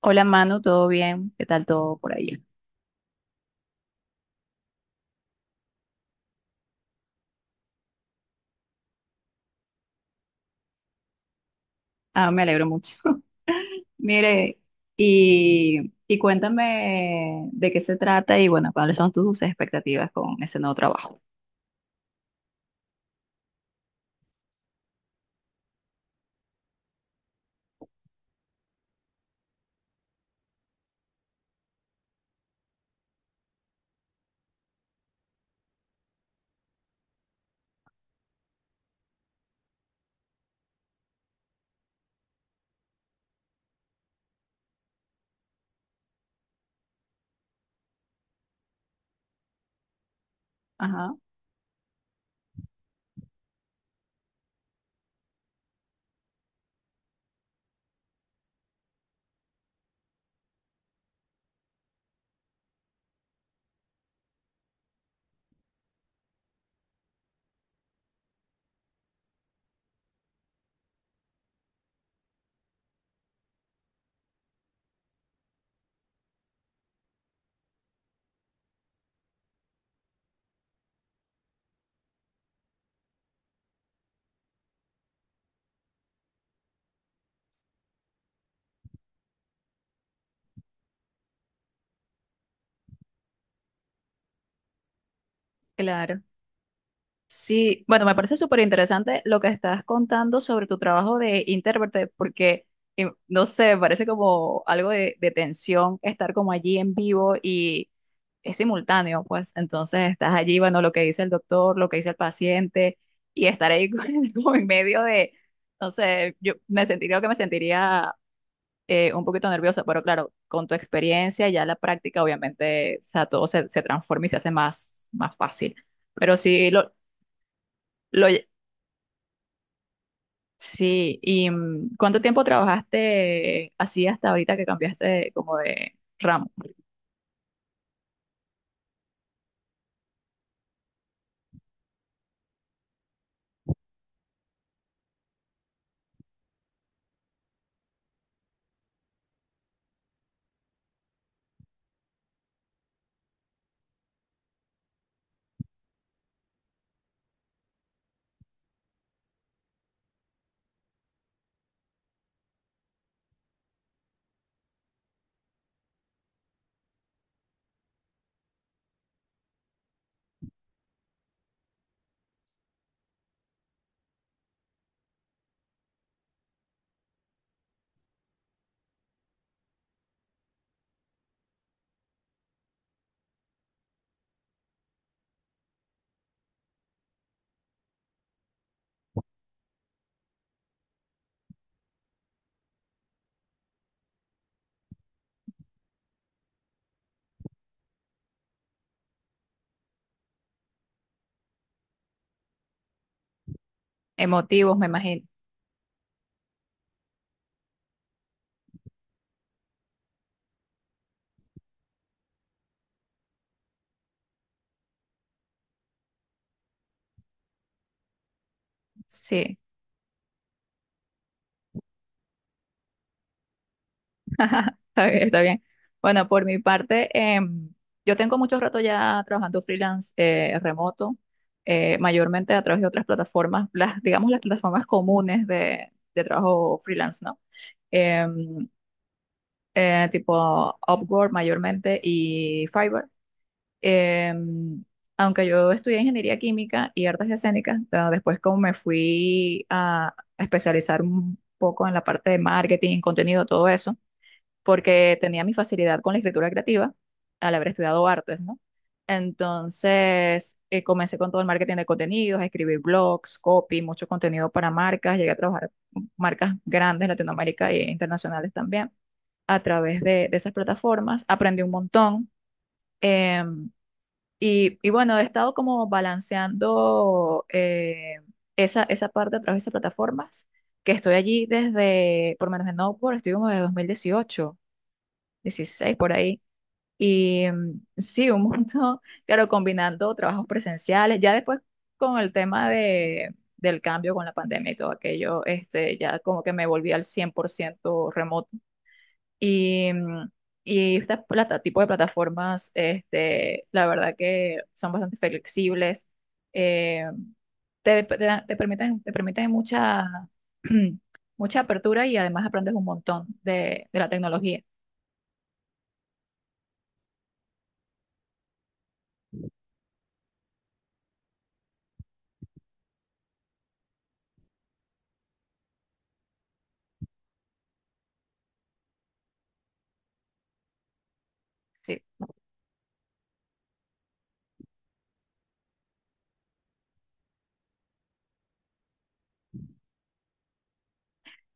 Hola Manu, ¿todo bien? ¿Qué tal todo por ahí? Ah, me alegro mucho. Mire, y cuéntame de qué se trata y bueno, cuáles son tus expectativas con ese nuevo trabajo. Ajá, claro. Sí, bueno, me parece súper interesante lo que estás contando sobre tu trabajo de intérprete, porque, no sé, parece como algo de tensión estar como allí en vivo y es simultáneo, pues entonces estás allí, bueno, lo que dice el doctor, lo que dice el paciente, y estar ahí como en medio de, no sé, yo me sentiría un poquito nerviosa, pero claro, con tu experiencia, ya la práctica, obviamente, o sea, todo se transforma y se hace más fácil. Pero sí, Lo, sí, ¿y cuánto tiempo trabajaste así hasta ahorita que cambiaste como de ramo? Emotivos, me imagino. Sí, está bien, está bien. Bueno, por mi parte, em, yo tengo mucho rato ya trabajando freelance, remoto, mayormente a través de otras plataformas, las, digamos, las plataformas comunes de trabajo freelance, ¿no? Em, Tipo Upwork mayormente y Fiverr. Em, Aunque yo estudié ingeniería química y artes escénicas, pero después como me fui a especializar un poco en la parte de marketing, contenido, todo eso, porque tenía mi facilidad con la escritura creativa al haber estudiado artes, ¿no? Entonces, comencé con todo el marketing de contenidos, escribir blogs, copy, mucho contenido para marcas, llegué a trabajar con marcas grandes en Latinoamérica e internacionales también a través de esas plataformas, aprendí un montón. em, y bueno, he estado como balanceando, esa parte a través de plataformas, que estoy allí desde, por lo menos en Upwork, estoy como desde 2018 dieciséis por ahí. Y sí, un montón, claro, combinando trabajos presenciales, ya después con el tema de, del cambio con la pandemia y todo aquello, este, ya como que me volví al 100% remoto y, mm, y estas tipo de plataformas, este, la verdad que son bastante flexibles, eh, te permiten mucha, mucha apertura y además aprendes un montón de la tecnología. Sí,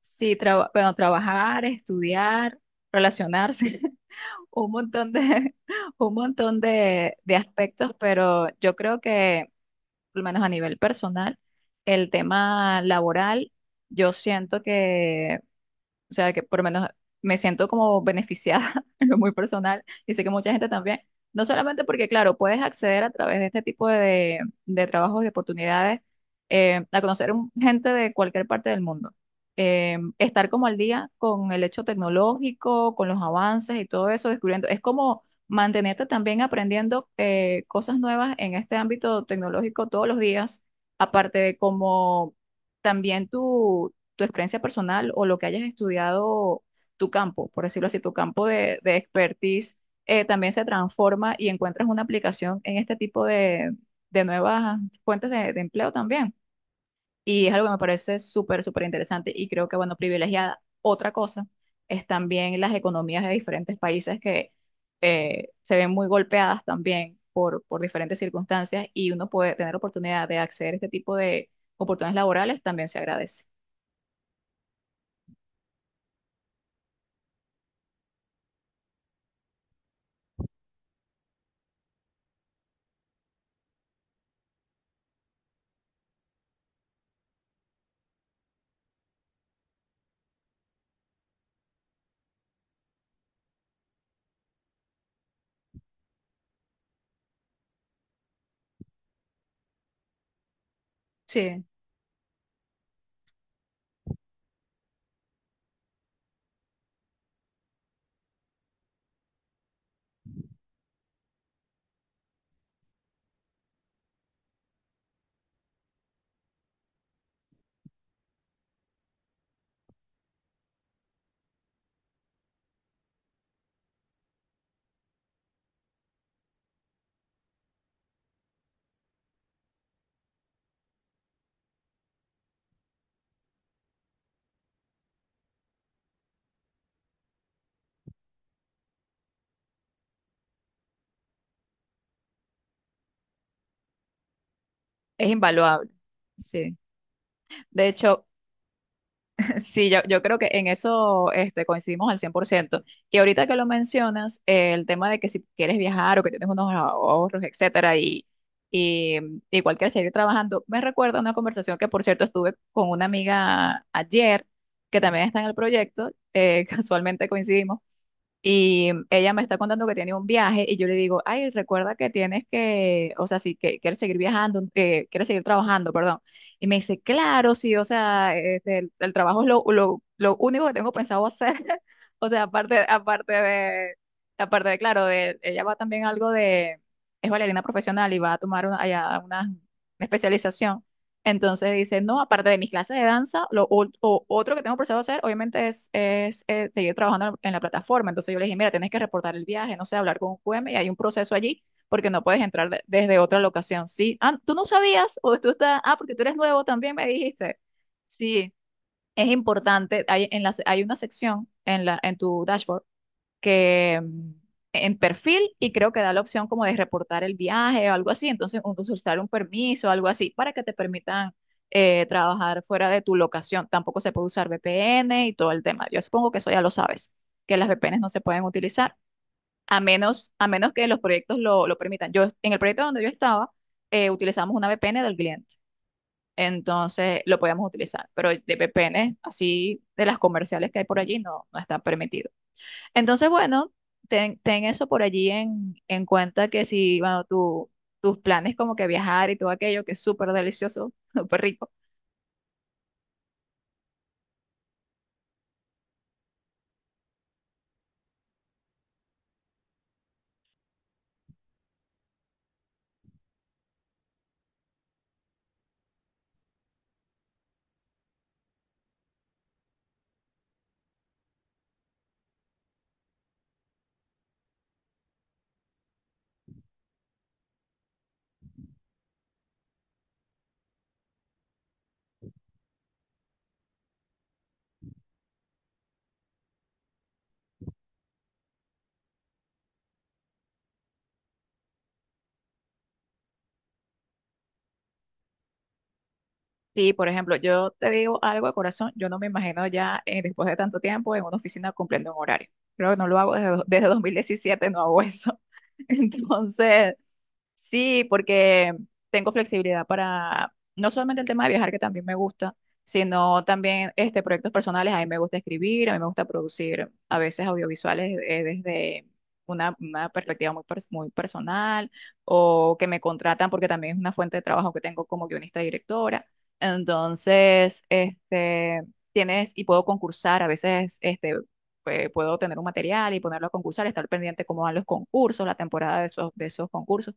sí bueno, trabajar, estudiar, relacionarse. Un montón de, un montón de aspectos, pero yo creo que, al menos a nivel personal, el tema laboral, yo siento que, o sea, que por lo menos me siento como beneficiada en lo muy personal y sé que mucha gente también. No solamente porque, claro, puedes acceder a través de este tipo de trabajos, de oportunidades, a conocer gente de cualquier parte del mundo. Estar como al día con el hecho tecnológico, con los avances y todo eso, descubriendo. Es como mantenerte también aprendiendo, cosas nuevas en este ámbito tecnológico todos los días, aparte de como también tu experiencia personal o lo que hayas estudiado, tu campo, por decirlo así, tu campo de expertise, también se transforma y encuentras una aplicación en este tipo de nuevas... fuentes de empleo también. Y es algo que me parece súper, súper interesante y creo que, bueno, privilegiada. Otra cosa es también las economías de diferentes países que, se ven muy golpeadas también por diferentes circunstancias y uno puede tener oportunidad de acceder a este tipo de oportunidades laborales, también se agradece. Sí. Es invaluable, sí. De hecho, sí, yo creo que en eso, este, coincidimos al 100%. Y ahorita que lo mencionas, el tema de que si quieres viajar o que tienes unos ahorros, etcétera, y, y igual quieres seguir trabajando, me recuerda una conversación que, por cierto, estuve con una amiga ayer, que también está en el proyecto, casualmente coincidimos, y ella me está contando que tiene un viaje y yo le digo, ay, recuerda que tienes que, o sea, si que, quieres seguir viajando, que quieres seguir trabajando, perdón. Y me dice, claro, sí, o sea, este, el trabajo es lo único que tengo pensado hacer. O sea, aparte de, claro, de, ella va también algo de, es bailarina profesional y va a tomar una, allá una especialización. Entonces dice, no, aparte de mis clases de danza, lo otro que tengo pensado hacer, obviamente, es seguir trabajando en la plataforma. Entonces yo le dije, mira, tienes que reportar el viaje, no sé, hablar con un QM y hay un proceso allí porque no puedes entrar desde otra locación. Sí, ah, tú no sabías o tú estás, ah, porque tú eres nuevo también, me dijiste. Sí, es importante, hay, hay una sección en tu dashboard que, en perfil y creo que da la opción como de reportar el viaje o algo así, entonces solicitar un permiso o algo así para que te permitan, trabajar fuera de tu locación. Tampoco se puede usar VPN y todo el tema. Yo supongo que eso ya lo sabes, que las VPNs no se pueden utilizar, a menos que los proyectos lo permitan. Yo, en el proyecto donde yo estaba, utilizamos una VPN del cliente. Entonces lo podíamos utilizar, pero de VPN, así de las comerciales que hay por allí, no, no está permitido. Entonces, bueno, ten eso por allí en cuenta, que si, bueno, tus planes como que viajar y todo aquello, que es súper delicioso, súper rico. Sí, por ejemplo, yo te digo algo de corazón, yo no me imagino ya, después de tanto tiempo en una oficina cumpliendo un horario. Creo que no lo hago desde, desde 2017, no hago eso. Entonces, sí, porque tengo flexibilidad para no solamente el tema de viajar, que también me gusta, sino también, este, proyectos personales. A mí me gusta escribir, a mí me gusta producir a veces audiovisuales, desde una perspectiva muy personal, o que me contratan porque también es una fuente de trabajo que tengo como guionista y directora. Entonces, este, tienes y puedo concursar, a veces, este, pues, puedo tener un material y ponerlo a concursar, estar pendiente cómo van los concursos, la temporada de esos, concursos.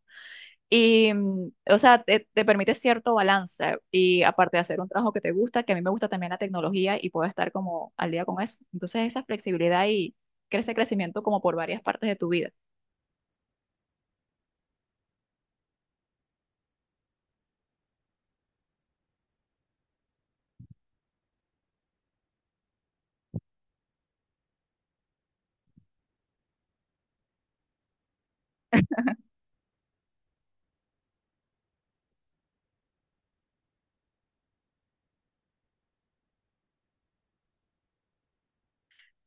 Y, o sea, te permite cierto balance y aparte de hacer un trabajo que te gusta, que a mí me gusta también la tecnología y puedo estar como al día con eso. Entonces, esa flexibilidad y crece crecimiento como por varias partes de tu vida.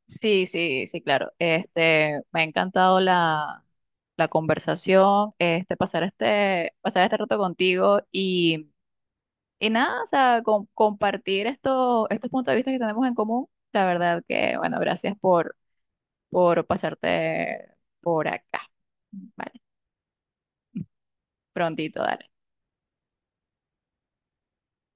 Sí, sí, sí, claro. Este, me ha encantado la conversación, este, pasar este rato contigo y, nada, o sea, compartir estos puntos de vista que tenemos en común. La verdad que, bueno, gracias por pasarte por acá. Vale, prontito, dale.